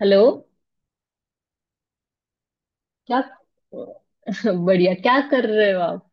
Hello. क्या? बढ़िया। क्या कर रहे हो आप?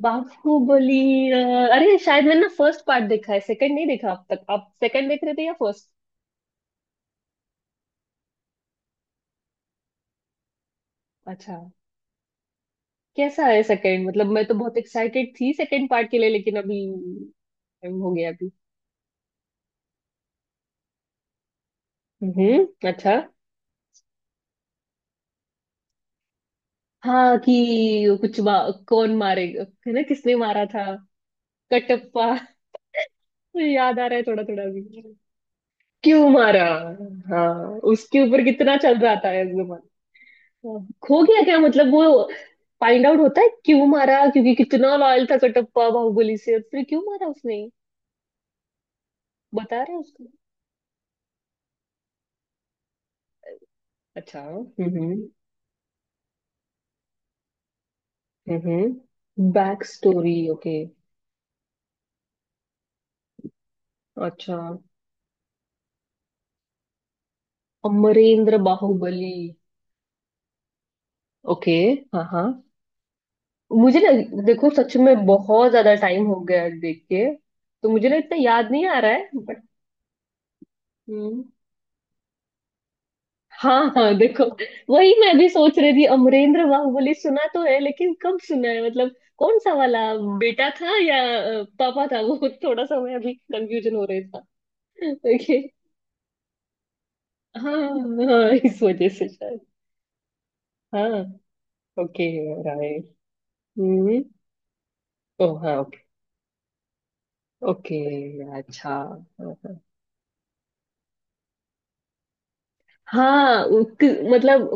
बापू बोली। अ, अरे शायद मैंने ना फर्स्ट पार्ट देखा है, सेकंड नहीं देखा अब तक। आप सेकंड देख रहे थे या फर्स्ट? अच्छा। कैसा है सेकंड? मतलब मैं तो बहुत एक्साइटेड थी सेकंड पार्ट के लिए, लेकिन अभी time हो गया अभी। हम्म, अच्छा। हाँ कि कुछ कौन मारेगा, है ना? किसने मारा था? कटप्पा। मुझे याद आ रहा है थोड़ा थोड़ा भी। क्यों मारा? हाँ। उसके ऊपर कितना चल रहा था इस, खो गया क्या? मतलब वो फाइंड आउट होता है क्यों मारा, क्योंकि कितना लॉयल था कटप्पा बाहुबली से और फिर क्यों मारा उसने। बता रहा है उसको। अच्छा हम्म। हम्म, बैक स्टोरी ओके। अच्छा। अमरेंद्र बाहुबली। ओके। हाँ हाँ। मुझे ना, देखो सच में बहुत ज्यादा टाइम हो गया देख के, तो मुझे ना इतना याद नहीं आ रहा है। बट हाँ हाँ देखो, वही मैं भी सोच रही थी। अमरेंद्र बाहुबली सुना तो है, लेकिन कब सुना है, मतलब कौन सा वाला? बेटा था या पापा था, वो थोड़ा सा मैं अभी कंफ्यूजन हो रहा था। ओके। हाँ हाँ इस वजह से शायद। हाँ ओके राइट हम्म। ओ हाँ ओके। ओके अच्छा हाँ, हाँ। हाँ मतलब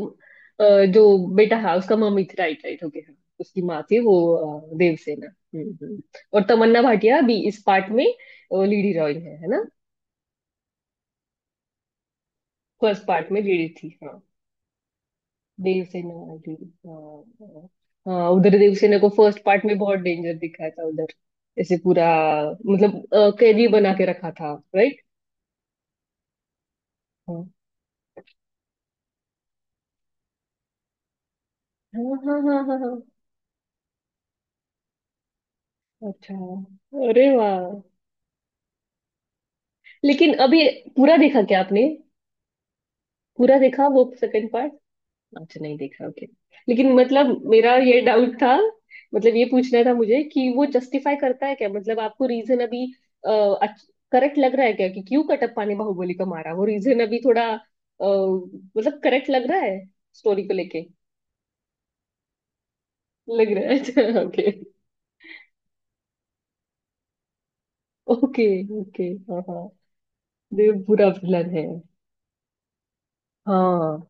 अ, जो बेटा है उसका मम्मी थी, राइट राइट ओके। हाँ उसकी माँ थी वो, देवसेना। हम्म हम्म। और तमन्ना भाटिया भी इस पार्ट में लीड हीरोइन है ना? फर्स्ट पार्ट में लीड थी, हाँ। देवसेना। लीड। हाँ हाँ, उधर देवसेना को फर्स्ट पार्ट में बहुत डेंजर दिखाया था उधर। ऐसे पूरा मतलब कैदी बना के रखा था, राइट। हाँ हाँ हाँ हाँ हाँ हाँ। अच्छा अरे वाह। लेकिन अभी पूरा देखा क्या आपने? पूरा देखा वो सेकंड पार्ट? अच्छा नहीं देखा ओके। लेकिन मतलब मेरा ये डाउट था, मतलब ये पूछना था मुझे कि वो जस्टिफाई करता है क्या? मतलब आपको रीजन अभी करेक्ट लग रहा है क्या कि क्यों कटप्पा ने बाहुबली को मारा? वो रीजन अभी थोड़ा मतलब करेक्ट लग रहा है स्टोरी को लेके? लग रहा है, अच्छा ओके ओके ओके। हाँ हाँ देव बुरा विलन है। हाँ।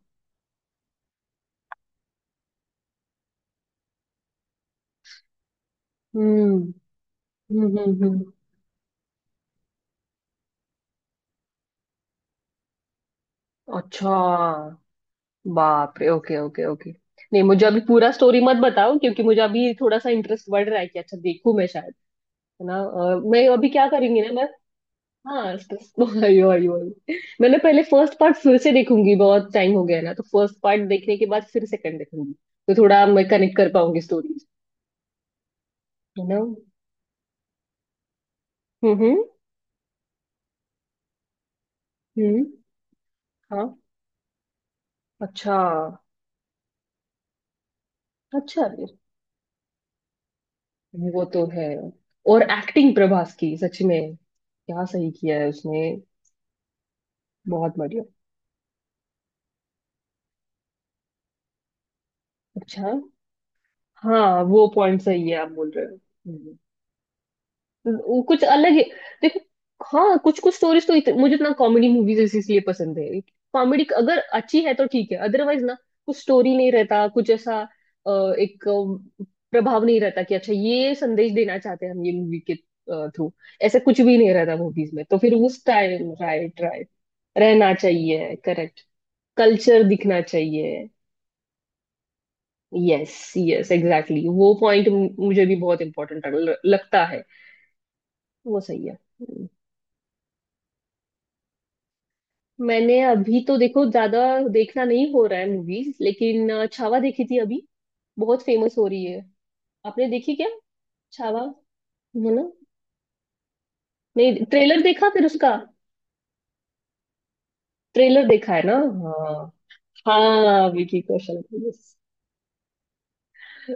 हम्म हम्म हम्म हम्म। अच्छा बाप रे ओके ओके ओके। नहीं मुझे अभी पूरा स्टोरी मत बताओ क्योंकि मुझे अभी थोड़ा सा इंटरेस्ट बढ़ रहा है कि अच्छा देखूं मैं शायद, है ना? मैं अभी क्या करेंगी ना मैं, हाँ अयो अयो अयो। मैंने पहले फर्स्ट पार्ट फिर से देखूंगी, बहुत टाइम हो गया ना, तो फर्स्ट पार्ट देखने के बाद फिर सेकंड देखूंगी, तो थोड़ा मैं कनेक्ट कर पाऊंगी स्टोरी, है ना। हम्म हम्म हम्म, हाँ अच्छा। अच्छा अरे, वो तो है। और एक्टिंग प्रभास की सच में, क्या सही किया है उसने! बहुत बढ़िया। अच्छा हाँ वो पॉइंट सही है आप बोल रहे हो। हम्म। वो कुछ अलग है। देखो हाँ, कुछ कुछ स्टोरीज तो मुझे ना कॉमेडी मूवीज इसलिए पसंद है। कॉमेडी अगर अच्छी है तो ठीक है, अदरवाइज ना कुछ स्टोरी नहीं रहता, कुछ ऐसा एक अ, प्रभाव नहीं रहता कि अच्छा ये संदेश देना चाहते हैं हम ये मूवी के थ्रू। ऐसा कुछ भी नहीं रहता मूवीज में, तो फिर उस टाइम राइट राइट। रहना चाहिए करेक्ट। कल्चर दिखना चाहिए। यस यस एग्जैक्टली, वो पॉइंट मुझे भी बहुत इम्पोर्टेंट लगता है। वो सही है मैंने अभी तो देखो ज्यादा देखना नहीं हो रहा है मूवीज, लेकिन छावा देखी थी अभी, बहुत फेमस हो रही है। आपने देखी क्या? छावा, है ना? नहीं ट्रेलर देखा फिर उसका, ट्रेलर देखा है ना। हाँ हाँ विकी कौशल yes.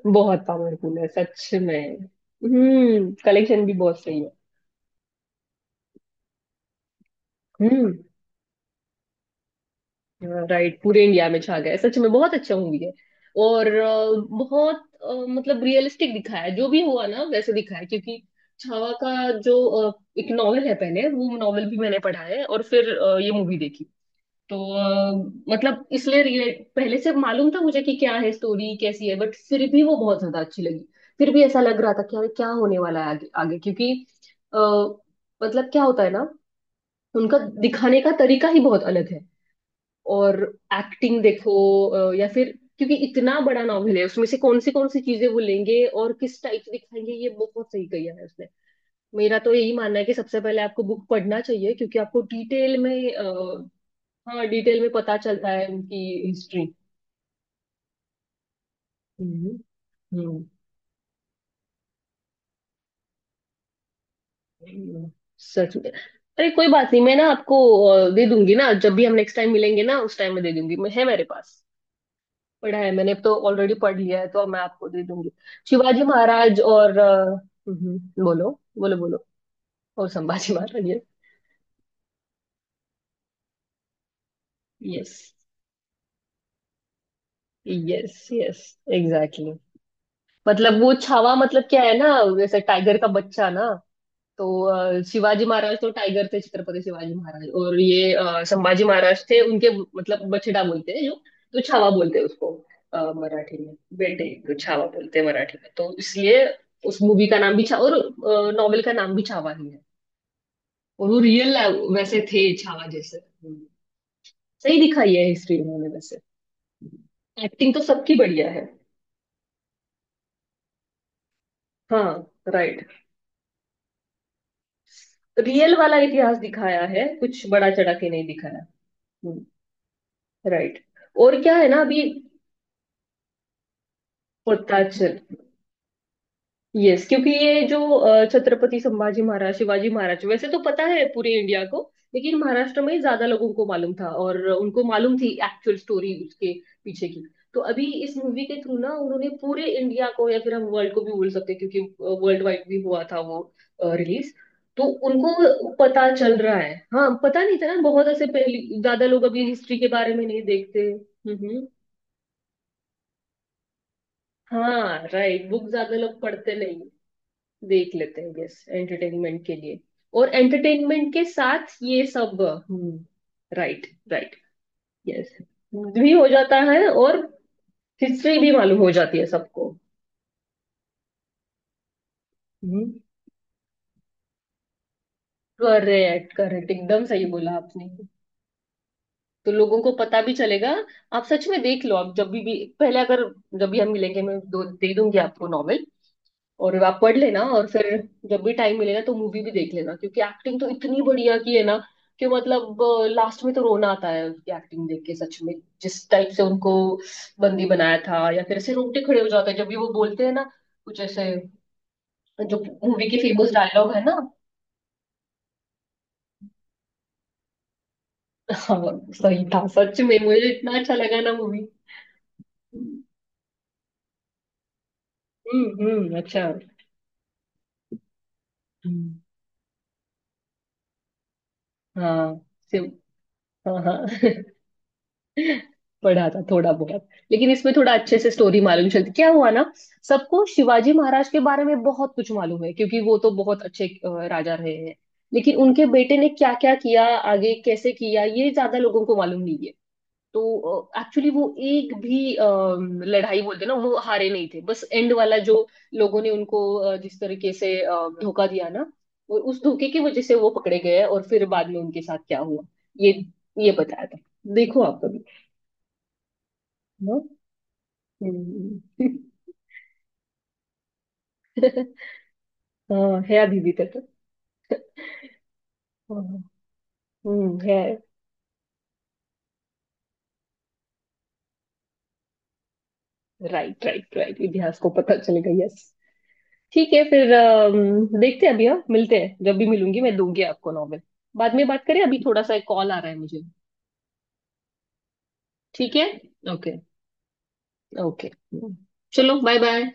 बहुत पावरफुल है सच में। कलेक्शन भी बहुत सही है। हम्म। राइट पूरे इंडिया में छा गया है, सच में बहुत अच्छा मूवी है। और बहुत मतलब रियलिस्टिक दिखाया है, जो भी हुआ ना वैसे दिखाया है, क्योंकि छावा का जो अ, एक नॉवेल है पहले, वो नॉवेल भी मैंने पढ़ा है और फिर ये मूवी देखी। तो मतलब इसलिए पहले से मालूम था मुझे कि क्या है, स्टोरी कैसी है, बट फिर भी वो बहुत ज्यादा अच्छी लगी। फिर भी ऐसा लग रहा था कि अरे क्या होने वाला है आगे आगे, क्योंकि अ, मतलब क्या होता है ना, उनका दिखाने का तरीका ही बहुत अलग है। और एक्टिंग देखो, या फिर क्योंकि इतना बड़ा नॉवेल है, उसमें से कौन सी चीजें वो लेंगे और किस टाइप से दिखाएंगे, ये बहुत सही किया है उसने। मेरा तो यही मानना है कि सबसे पहले आपको बुक पढ़ना चाहिए क्योंकि आपको डिटेल में हाँ डिटेल में पता चलता है उनकी हिस्ट्री। हम्म हम्म, हम्म, सच में। अरे कोई बात नहीं, मैं ना आपको दे दूंगी ना, जब भी हम नेक्स्ट टाइम मिलेंगे ना, उस टाइम में दे दूंगी, मैं है मेरे पास। पढ़ा है मैंने तो, ऑलरेडी पढ़ लिया है, तो अब मैं आपको दे दूंगी। शिवाजी महाराज और हम्म, बोलो। बोलो बोलो और Sambhaji Maharaj. Yes yes yes exactly. मतलब वो छावा मतलब क्या है ना, जैसे टाइगर का बच्चा ना, तो शिवाजी महाराज तो टाइगर थे, छत्रपति शिवाजी महाराज, और ये संभाजी महाराज थे उनके मतलब बछड़ा बोलते हैं जो, तो छावा बोलते हैं उसको। मराठी में बेटे को छावा बोलते हैं मराठी में, तो इसलिए उस मूवी का नाम भी छावा और नॉवेल का नाम भी छावा ही है। और वो रियल वैसे थे छावा जैसे सही दिखाई है हिस्ट्री उन्होंने वैसे, एक्टिंग तो सबकी बढ़िया है। हाँ राइट। रियल वाला इतिहास दिखाया है, कुछ बड़ा चढ़ा के नहीं दिखाया। राइट। और क्या है ना अभी कोत्ताचल, यस क्योंकि ये जो छत्रपति संभाजी महाराज शिवाजी महाराज वैसे तो पता है पूरे इंडिया को, लेकिन महाराष्ट्र में ज्यादा लोगों को मालूम था और उनको मालूम थी एक्चुअल स्टोरी उसके पीछे की। तो अभी इस मूवी के थ्रू ना उन्होंने पूरे इंडिया को या फिर हम वर्ल्ड को भी बोल सकते हैं क्योंकि वर्ल्ड वाइड भी हुआ था वो रिलीज, तो उनको पता चल रहा है। हाँ पता नहीं था ना बहुत, ऐसे पहले ज्यादा लोग अभी हिस्ट्री के बारे में नहीं देखते। हाँ राइट बुक ज्यादा लोग पढ़ते नहीं, देख लेते हैं, यस एंटरटेनमेंट के लिए। और एंटरटेनमेंट के साथ ये सब हम्म। राइट राइट यस, भी हो जाता है, और हिस्ट्री भी मालूम हो जाती है सबको। हम्म। करेक्ट करेक्ट एकदम सही बोला आपने। तो लोगों को पता भी चलेगा। आप सच में देख लो, आप जब भी पहले अगर, जब भी हम मिलेंगे मैं दो दे दूंगी आपको नॉवेल, और आप पढ़ लेना, और फिर जब भी टाइम मिले ना तो मूवी भी देख लेना क्योंकि एक्टिंग तो इतनी बढ़िया की है ना, कि मतलब लास्ट में तो रोना आता है उनकी एक्टिंग देख के सच में, जिस टाइप से उनको बंदी बनाया था या फिर ऐसे रोंगटे खड़े हो जाते हैं जब भी वो बोलते हैं ना, कुछ ऐसे जो मूवी के फेमस डायलॉग है ना। हाँ सही था सच में, मुझे इतना अच्छा लगा ना मूवी। अच्छा। हम्म, हाँ सिर्फ। हाँ हाँ पढ़ा था थोड़ा बहुत, लेकिन इसमें थोड़ा अच्छे से स्टोरी मालूम चलती, क्या हुआ ना। सबको शिवाजी महाराज के बारे में बहुत कुछ मालूम है क्योंकि वो तो बहुत अच्छे राजा रहे हैं, लेकिन उनके बेटे ने क्या क्या किया आगे, कैसे किया, ये ज्यादा लोगों को मालूम नहीं है। तो एक्चुअली वो एक भी लड़ाई बोलते ना वो हारे नहीं थे, बस एंड वाला जो लोगों ने उनको जिस तरीके से धोखा दिया ना, वो उस धोखे की वजह से वो पकड़े गए और फिर बाद में उनके साथ क्या हुआ, ये ये बताया था। देखो आप कभी। हम्म। हाँ है दीदी तेरे। हाँ है। राइट राइट राइट इतिहास को पता चलेगा यस। ठीक है फिर देखते हैं अभी, हम मिलते हैं जब भी, मिलूंगी मैं दूंगी आपको नॉवेल। बाद में बात करें, अभी थोड़ा सा एक कॉल आ रहा है मुझे। ठीक है ओके ओके। चलो बाय बाय।